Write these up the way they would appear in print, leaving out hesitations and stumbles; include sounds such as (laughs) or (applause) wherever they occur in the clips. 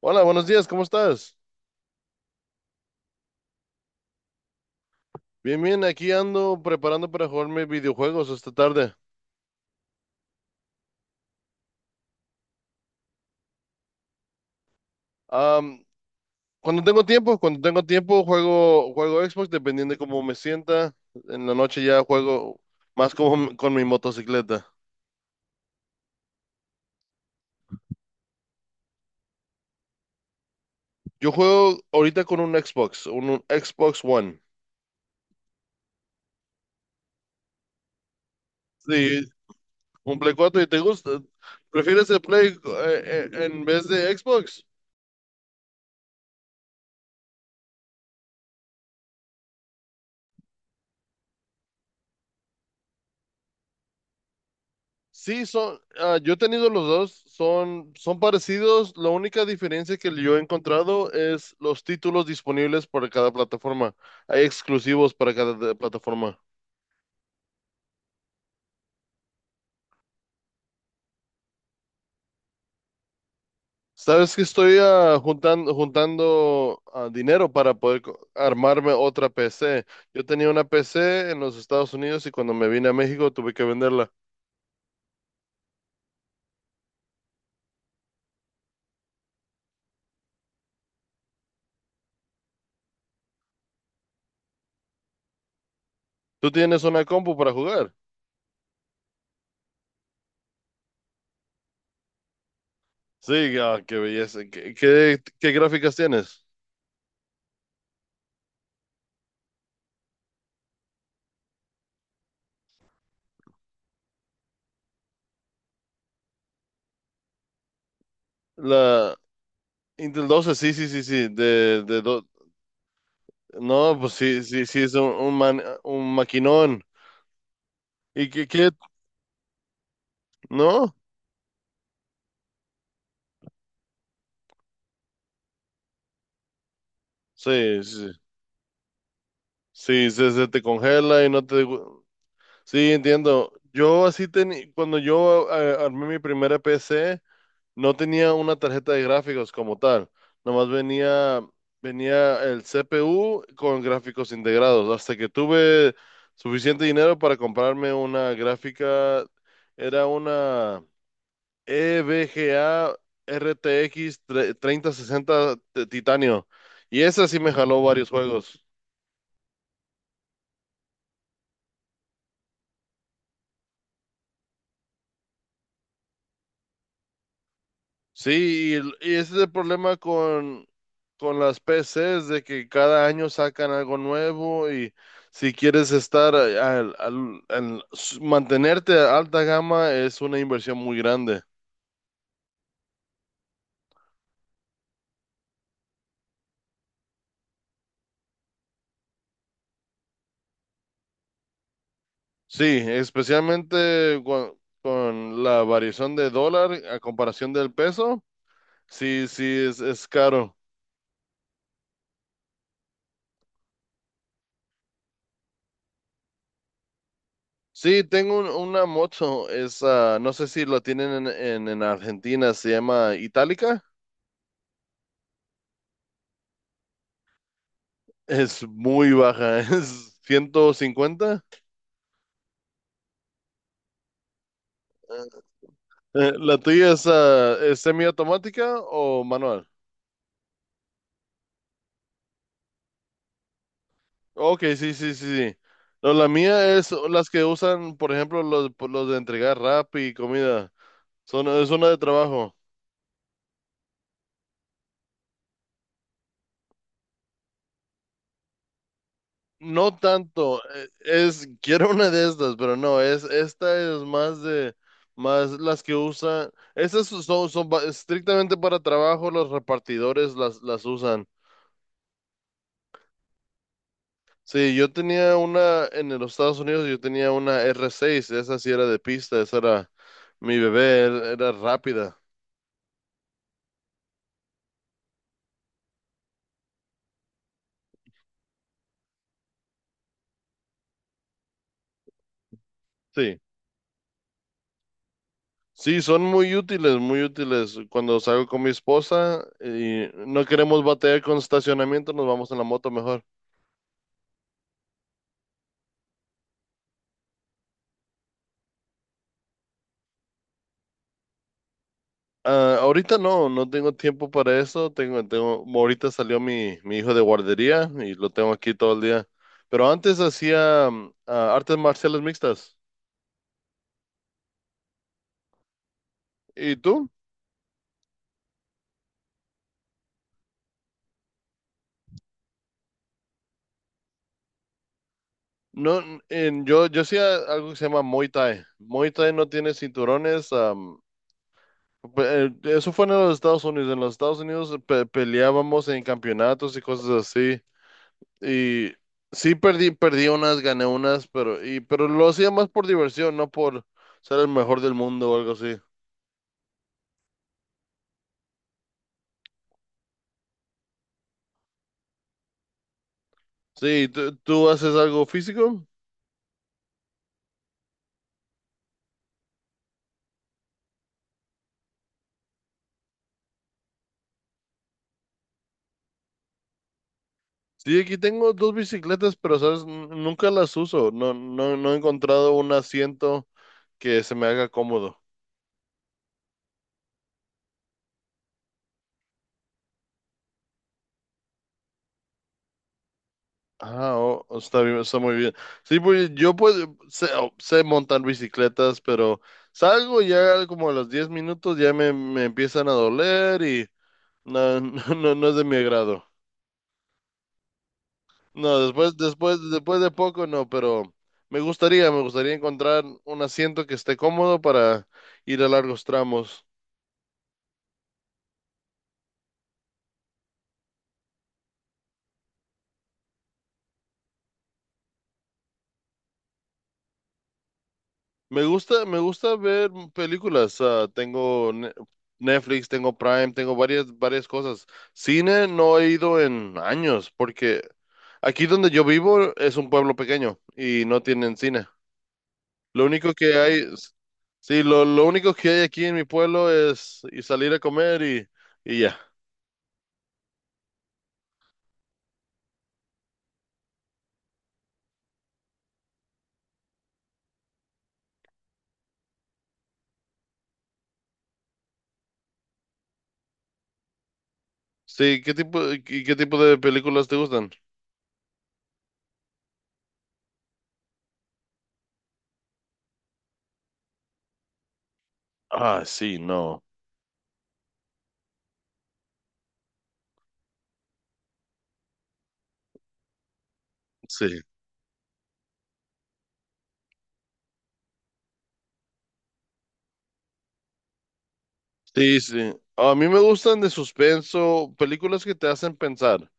Hola, buenos días, ¿cómo estás? Bien, bien, aquí ando preparando para jugarme videojuegos esta tarde. Am, cuando tengo tiempo juego Xbox dependiendo de cómo me sienta. En la noche ya juego más como con mi motocicleta. Yo juego ahorita con un Xbox, un Xbox One. Sí, un Play 4 y te gusta. ¿Prefieres el Play en vez de Xbox? Sí, son, yo he tenido los dos, son parecidos. La única diferencia que yo he encontrado es los títulos disponibles para cada plataforma. Hay exclusivos para cada plataforma. Sabes que estoy juntando dinero para poder armarme otra PC. Yo tenía una PC en los Estados Unidos y cuando me vine a México tuve que venderla. ¿Tú tienes una compu para jugar? Sí, qué belleza. ¿Qué gráficas tienes? La, Intel doce, sí, sí, sí, sí, No, pues sí, sí, sí, es un maquinón. ¿Y qué? ¿No? Sí, sí, sí, se te congela y no te. Sí, entiendo. Yo así tenía, cuando yo armé mi primera PC, no tenía una tarjeta de gráficos como tal. Nomás venía el CPU con gráficos integrados. Hasta que tuve suficiente dinero para comprarme una gráfica, era una EVGA RTX 3060 Titanio. Y esa sí me jaló varios juegos. Sí, y ese es el problema con las PCs, de que cada año sacan algo nuevo y si quieres estar mantenerte a alta gama es una inversión muy grande. Sí, especialmente con la variación de dólar a comparación del peso, sí, sí, es caro. Sí, tengo una moto, es, no sé si lo tienen en, en Argentina, se llama Itálica, (laughs) es muy baja, (laughs) es 150. ¿La tuya es semiautomática o manual? Ok, sí, sí, sí, sí. No, la mía es las que usan, por ejemplo, los de entregar rap y comida, son, es una de trabajo. No tanto, es, quiero una de estas, pero no, es, esta es más de, más las que usan, estas son, estrictamente para trabajo, los repartidores las usan. Sí, yo tenía una, en los Estados Unidos yo tenía una R6, esa sí era de pista, esa era mi bebé, era rápida. Sí, sí, son muy útiles, muy útiles. Cuando salgo con mi esposa y no queremos batear con estacionamiento, nos vamos en la moto mejor. Ah, ahorita no, no tengo tiempo para eso. Ahorita salió mi hijo de guardería y lo tengo aquí todo el día. Pero antes hacía artes marciales mixtas. ¿Y tú? No, yo hacía algo que se llama Muay Thai. Muay Thai no tiene cinturones. Eso fue en los Estados Unidos. En los Estados Unidos peleábamos en campeonatos y cosas así. Y sí perdí unas, gané unas, pero, pero lo hacía más por diversión, no por ser el mejor del mundo o algo así. Sí, ¿tú haces algo físico? Sí, aquí tengo dos bicicletas, pero sabes, nunca las uso. No, no, no he encontrado un asiento que se me haga cómodo. Ah, oh, oh, está bien, está muy bien. Sí, pues yo pues sé montar bicicletas, pero salgo y ya como a los 10 minutos ya me empiezan a doler y no, no, (laughs) no es de mi agrado. No, después de poco no, pero me gustaría encontrar un asiento que esté cómodo para ir a largos tramos. Me gusta ver películas. Tengo Netflix, tengo Prime, tengo varias cosas. Cine no he ido en años, porque aquí donde yo vivo es un pueblo pequeño y no tienen cine. Lo único que hay, es- Sí, lo único que hay aquí en mi pueblo es y salir a comer y ya. Sí, ¿qué tipo de películas te gustan? Ah, sí, no. Sí. Sí, sí. A mí me gustan de suspenso, películas que te hacen pensar.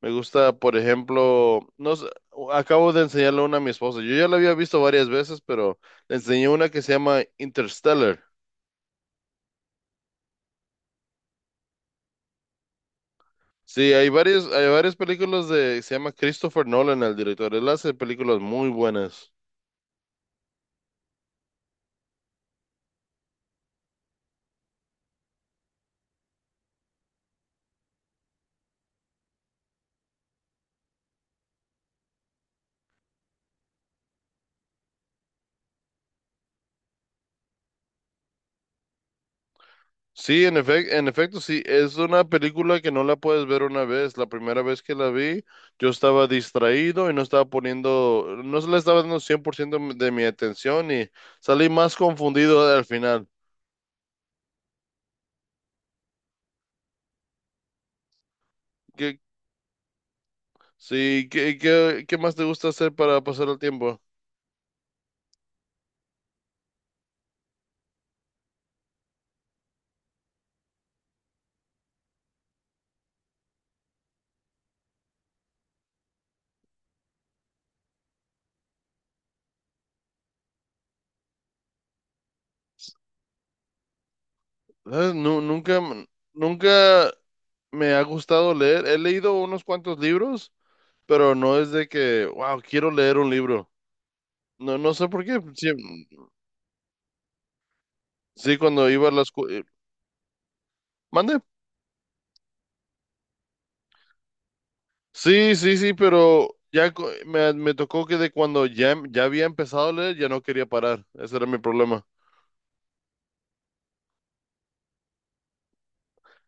Me gusta, por ejemplo, no sé, acabo de enseñarle una a mi esposa. Yo ya la había visto varias veces, pero le enseñé una que se llama Interstellar. Sí, hay varias películas se llama Christopher Nolan, el director. Él hace películas muy buenas. Sí, en efecto, sí, es una película que no la puedes ver una vez. La primera vez que la vi, yo estaba distraído y no estaba poniendo, no se le estaba dando 100% de mi atención y salí más confundido al final. ¿Qué, sí, qué, qué, qué más te gusta hacer para pasar el tiempo? ¿Sabes? Nunca me ha gustado leer. He leído unos cuantos libros, pero no es de que, wow, quiero leer un libro. No, no sé por qué. Sí, sí, cuando iba a la escuela. Sí, sí, sí, pero ya me tocó que de cuando ya, ya había empezado a leer, ya no quería parar. Ese era mi problema.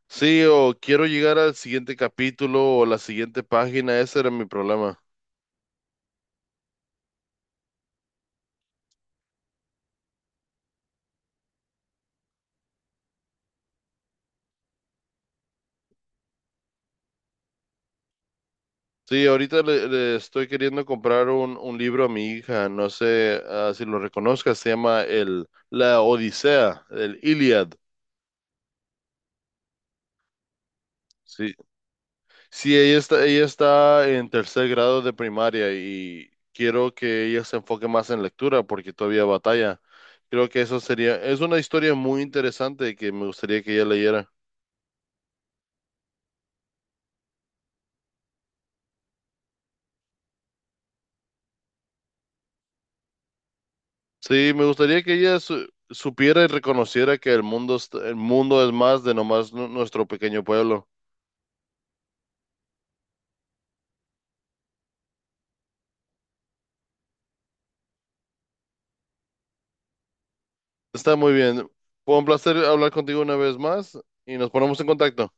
Sí, o quiero llegar al siguiente capítulo o la siguiente página, ese era mi problema. Sí, ahorita le estoy queriendo comprar un libro a mi hija, no sé si lo reconozcas, se llama La Odisea, el Iliad. Sí, sí, ella está en tercer grado de primaria y quiero que ella se enfoque más en lectura porque todavía batalla. Creo que eso sería, es una historia muy interesante que me gustaría que ella leyera. Sí, me gustaría que ella supiera y reconociera que el mundo, el mundo es más de nomás nuestro pequeño pueblo. Está muy bien. Fue un placer hablar contigo una vez más y nos ponemos en contacto.